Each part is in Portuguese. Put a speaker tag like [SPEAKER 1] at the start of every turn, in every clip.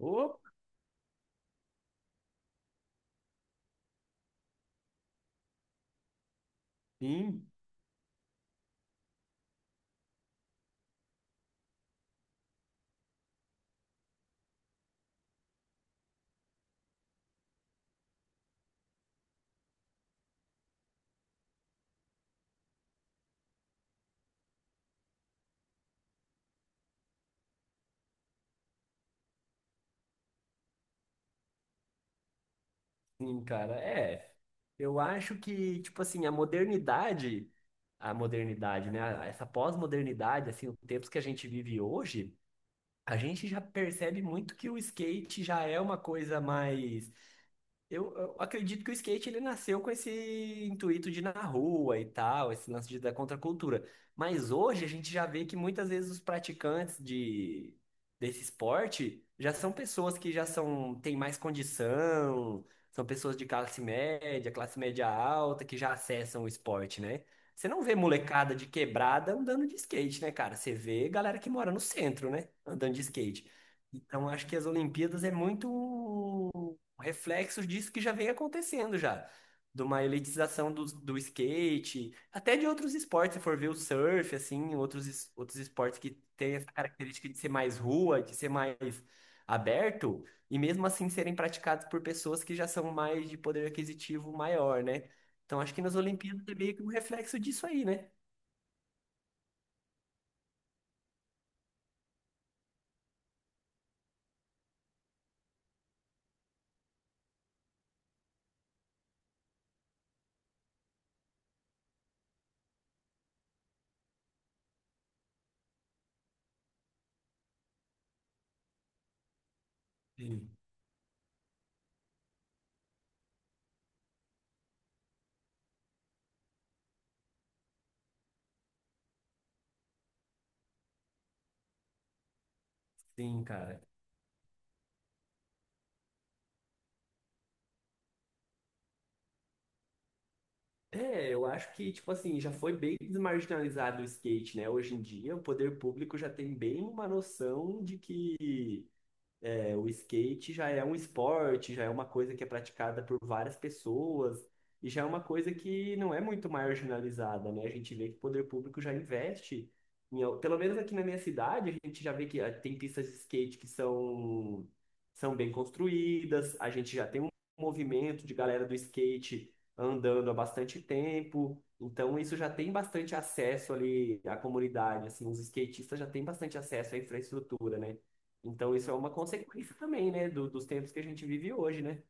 [SPEAKER 1] Oh, sim, sim, cara. É, eu acho que, tipo assim, a modernidade, né? Essa pós-modernidade, assim, os tempos que a gente vive hoje, a gente já percebe muito que o skate já é uma coisa mais. Eu acredito que o skate ele nasceu com esse intuito de ir na rua e tal, esse lance da contracultura. Mas hoje a gente já vê que muitas vezes os praticantes desse esporte já são pessoas que já são, têm mais condição, são pessoas de classe média alta, que já acessam o esporte, né? Você não vê molecada de quebrada andando de skate, né, cara? Você vê galera que mora no centro, né, andando de skate. Então, acho que as Olimpíadas é muito reflexos disso que já vem acontecendo já. De uma elitização do skate, até de outros esportes, se for ver o surf, assim, outros, outros esportes que têm essa característica de ser mais rua, de ser mais aberto, e mesmo assim serem praticados por pessoas que já são mais de poder aquisitivo maior, né? Então acho que nas Olimpíadas é meio que um reflexo disso aí, né? Sim, sim, cara. É, eu acho que, tipo assim, já foi bem desmarginalizado o skate, né? Hoje em dia, o poder público já tem bem uma noção de que é, o skate já é um esporte, já é uma coisa que é praticada por várias pessoas e já é uma coisa que não é muito marginalizada, né? A gente vê que o poder público já investe, em pelo menos aqui na minha cidade, a gente já vê que ah, tem pistas de skate que são, são bem construídas, a gente já tem um movimento de galera do skate andando há bastante tempo. Então, isso já tem bastante acesso ali à comunidade, assim, os skatistas já têm bastante acesso à infraestrutura, né? Então, isso é uma consequência também, né, dos tempos que a gente vive hoje, né?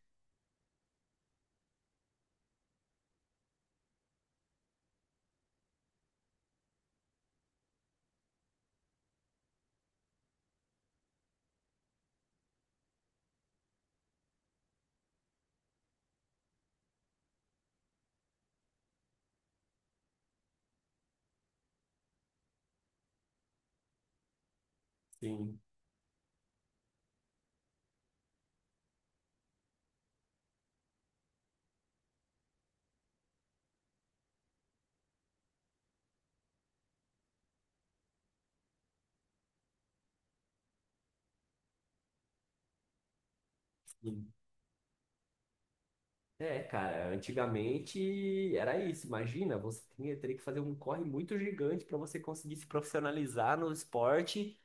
[SPEAKER 1] Sim, sim. É, cara, antigamente era isso. Imagina, você tinha, teria que fazer um corre muito gigante para você conseguir se profissionalizar no esporte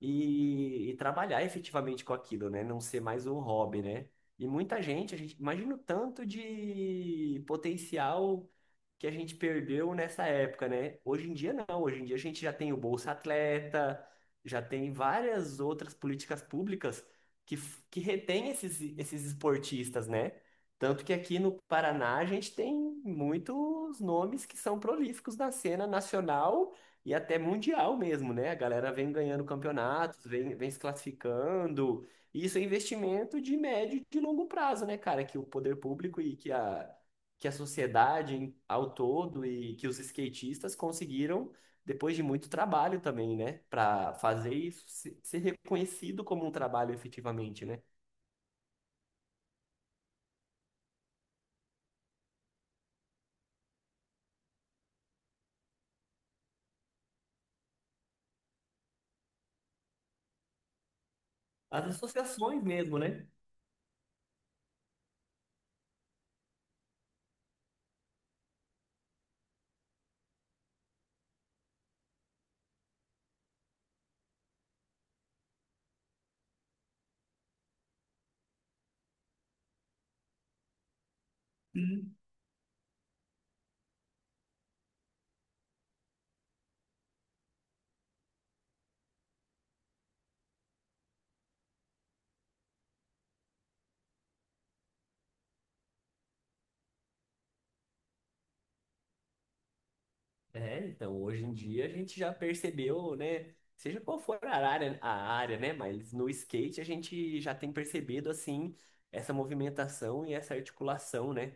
[SPEAKER 1] e trabalhar efetivamente com aquilo, né? Não ser mais um hobby, né? E muita gente, a gente imagina o tanto de potencial que a gente perdeu nessa época, né? Hoje em dia não, hoje em dia a gente já tem o Bolsa Atleta, já tem várias outras políticas públicas que, que retém esses, esses esportistas, né? Tanto que aqui no Paraná a gente tem muitos nomes que são prolíficos na cena nacional e até mundial mesmo, né? A galera vem ganhando campeonatos, vem, vem se classificando. E isso é investimento de médio e de longo prazo, né, cara? Que o poder público e que a sociedade ao todo e que os skatistas conseguiram depois de muito trabalho também, né? Para fazer isso ser reconhecido como um trabalho efetivamente, né? As associações mesmo, né? É, então, hoje em dia a gente já percebeu, né? Seja qual for a área, né? Mas no skate a gente já tem percebido, assim, essa movimentação e essa articulação, né?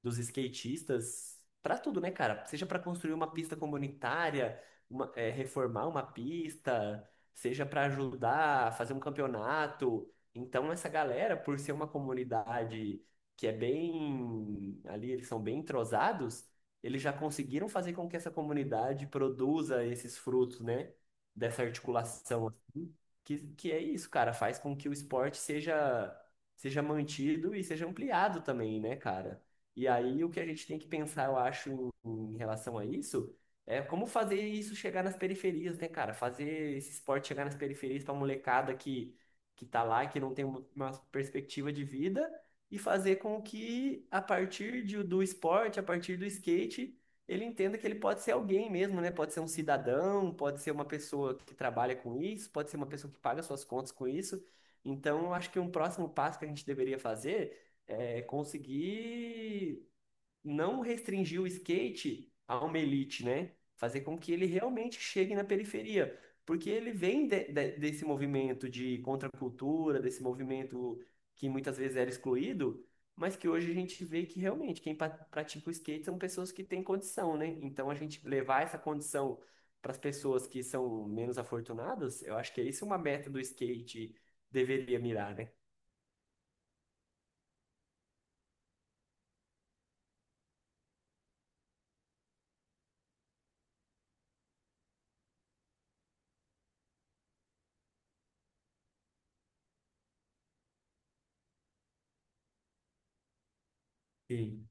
[SPEAKER 1] Dos skatistas para tudo, né, cara? Seja para construir uma pista comunitária, reformar uma pista, seja para ajudar a fazer um campeonato. Então, essa galera, por ser uma comunidade que é bem, ali eles são bem entrosados, eles já conseguiram fazer com que essa comunidade produza esses frutos, né? Dessa articulação, assim, que é isso, cara, faz com que o esporte seja, seja mantido e seja ampliado também, né, cara? E aí o que a gente tem que pensar, eu acho, em relação a isso, é como fazer isso chegar nas periferias, né, cara? Fazer esse esporte chegar nas periferias pra molecada que tá lá, que não tem uma perspectiva de vida, e fazer com que, a partir do esporte, a partir do skate, ele entenda que ele pode ser alguém mesmo, né? Pode ser um cidadão, pode ser uma pessoa que trabalha com isso, pode ser uma pessoa que paga suas contas com isso. Então, eu acho que um próximo passo que a gente deveria fazer é, conseguir não restringir o skate a uma elite, né? Fazer com que ele realmente chegue na periferia. Porque ele vem desse movimento de contracultura, desse movimento que muitas vezes era excluído, mas que hoje a gente vê que realmente quem pratica o skate são pessoas que têm condição, né? Então a gente levar essa condição para as pessoas que são menos afortunadas, eu acho que é isso uma meta do skate deveria mirar, né? Sim,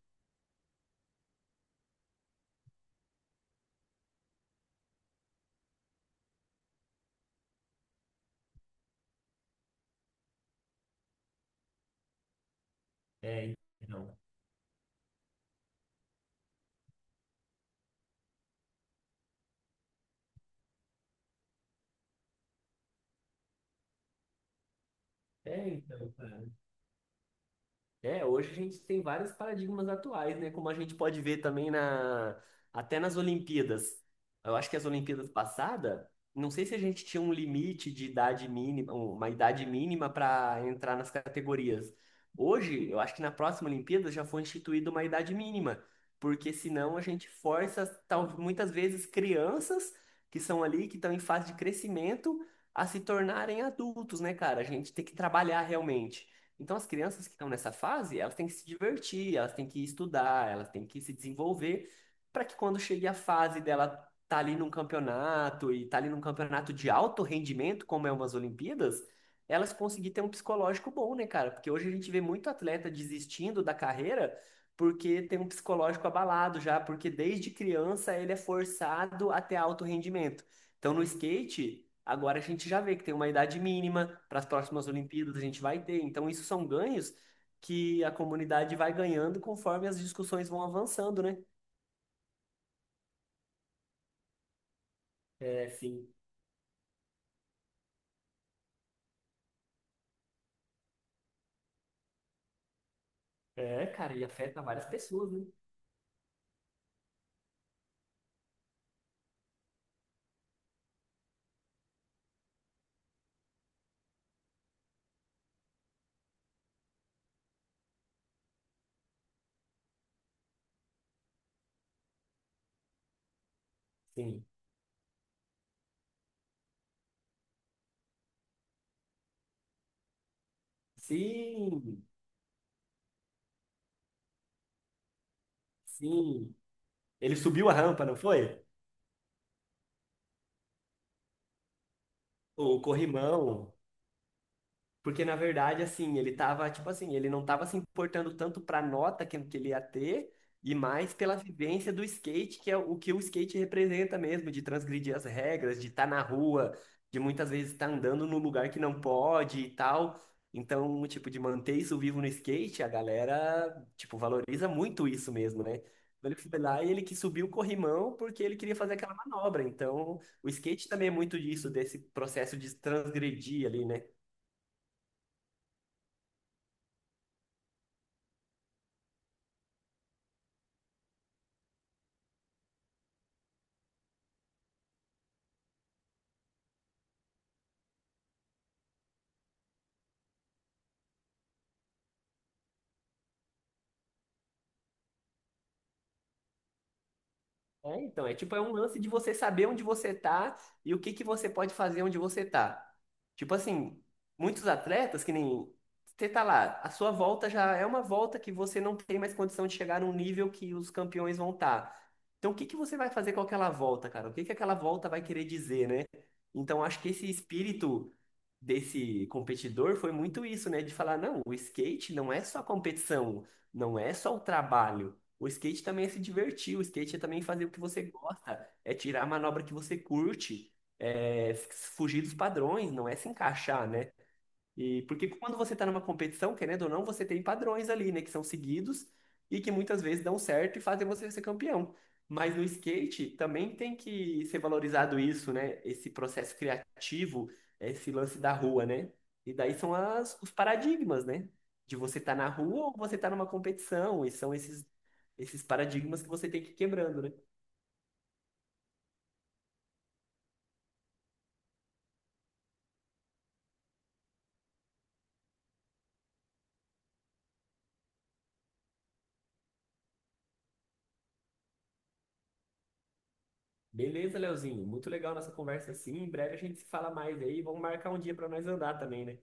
[SPEAKER 1] é, então. É, então, cara. É, hoje a gente tem vários paradigmas atuais, né? Como a gente pode ver também na até nas Olimpíadas. Eu acho que as Olimpíadas passadas, não sei se a gente tinha um limite de idade mínima, um, uma idade mínima para entrar nas categorias. Hoje, eu acho que na próxima Olimpíada já foi instituída uma idade mínima, porque senão a gente força, tal, muitas vezes, crianças que são ali, que estão em fase de crescimento, a se tornarem adultos, né, cara? A gente tem que trabalhar realmente. Então, as crianças que estão nessa fase, elas têm que se divertir, elas têm que estudar, elas têm que se desenvolver, para que quando chegue a fase dela tá ali num campeonato e tá ali num campeonato de alto rendimento, como é umas Olimpíadas, elas conseguir ter um psicológico bom, né, cara? Porque hoje a gente vê muito atleta desistindo da carreira porque tem um psicológico abalado já, porque desde criança ele é forçado a ter alto rendimento. Então, no skate, agora a gente já vê que tem uma idade mínima para as próximas Olimpíadas, a gente vai ter. Então, isso são ganhos que a comunidade vai ganhando conforme as discussões vão avançando, né? É, sim. É, cara, e afeta várias pessoas, né? Sim. Sim, sim. Ele subiu a rampa, não foi? O corrimão. Porque, na verdade, assim, ele tava, tipo assim, ele não tava se importando tanto pra nota que ele ia ter, e mais pela vivência do skate, que é o que o skate representa mesmo, de transgredir as regras, de estar na rua, de muitas vezes estar andando num lugar que não pode e tal. Então, tipo, de manter isso vivo no skate, a galera, tipo, valoriza muito isso mesmo, né? Então, ele foi lá e ele que subiu o corrimão porque ele queria fazer aquela manobra. Então, o skate também é muito disso, desse processo de transgredir ali, né? É, então, é tipo, é um lance de você saber onde você tá e o que que você pode fazer onde você tá. Tipo assim, muitos atletas, que nem você tá lá, a sua volta já é uma volta que você não tem mais condição de chegar num nível que os campeões vão estar. Então, o que que você vai fazer com aquela volta, cara? O que que aquela volta vai querer dizer, né? Então, acho que esse espírito desse competidor foi muito isso, né? De falar, não, o skate não é só competição, não é só o trabalho. O skate também é se divertir, o skate é também fazer o que você gosta, é tirar a manobra que você curte, é fugir dos padrões, não é se encaixar, né? E porque quando você está numa competição, querendo ou não, você tem padrões ali, né, que são seguidos e que muitas vezes dão certo e fazem você ser campeão. Mas no skate também tem que ser valorizado isso, né? Esse processo criativo, esse lance da rua, né? E daí são as, os paradigmas, né? De você estar na rua ou você estar numa competição, e são esses paradigmas que você tem que ir quebrando, né? Beleza, Leozinho, muito legal nossa conversa assim. Em breve a gente se fala mais aí, vamos marcar um dia para nós andar também, né?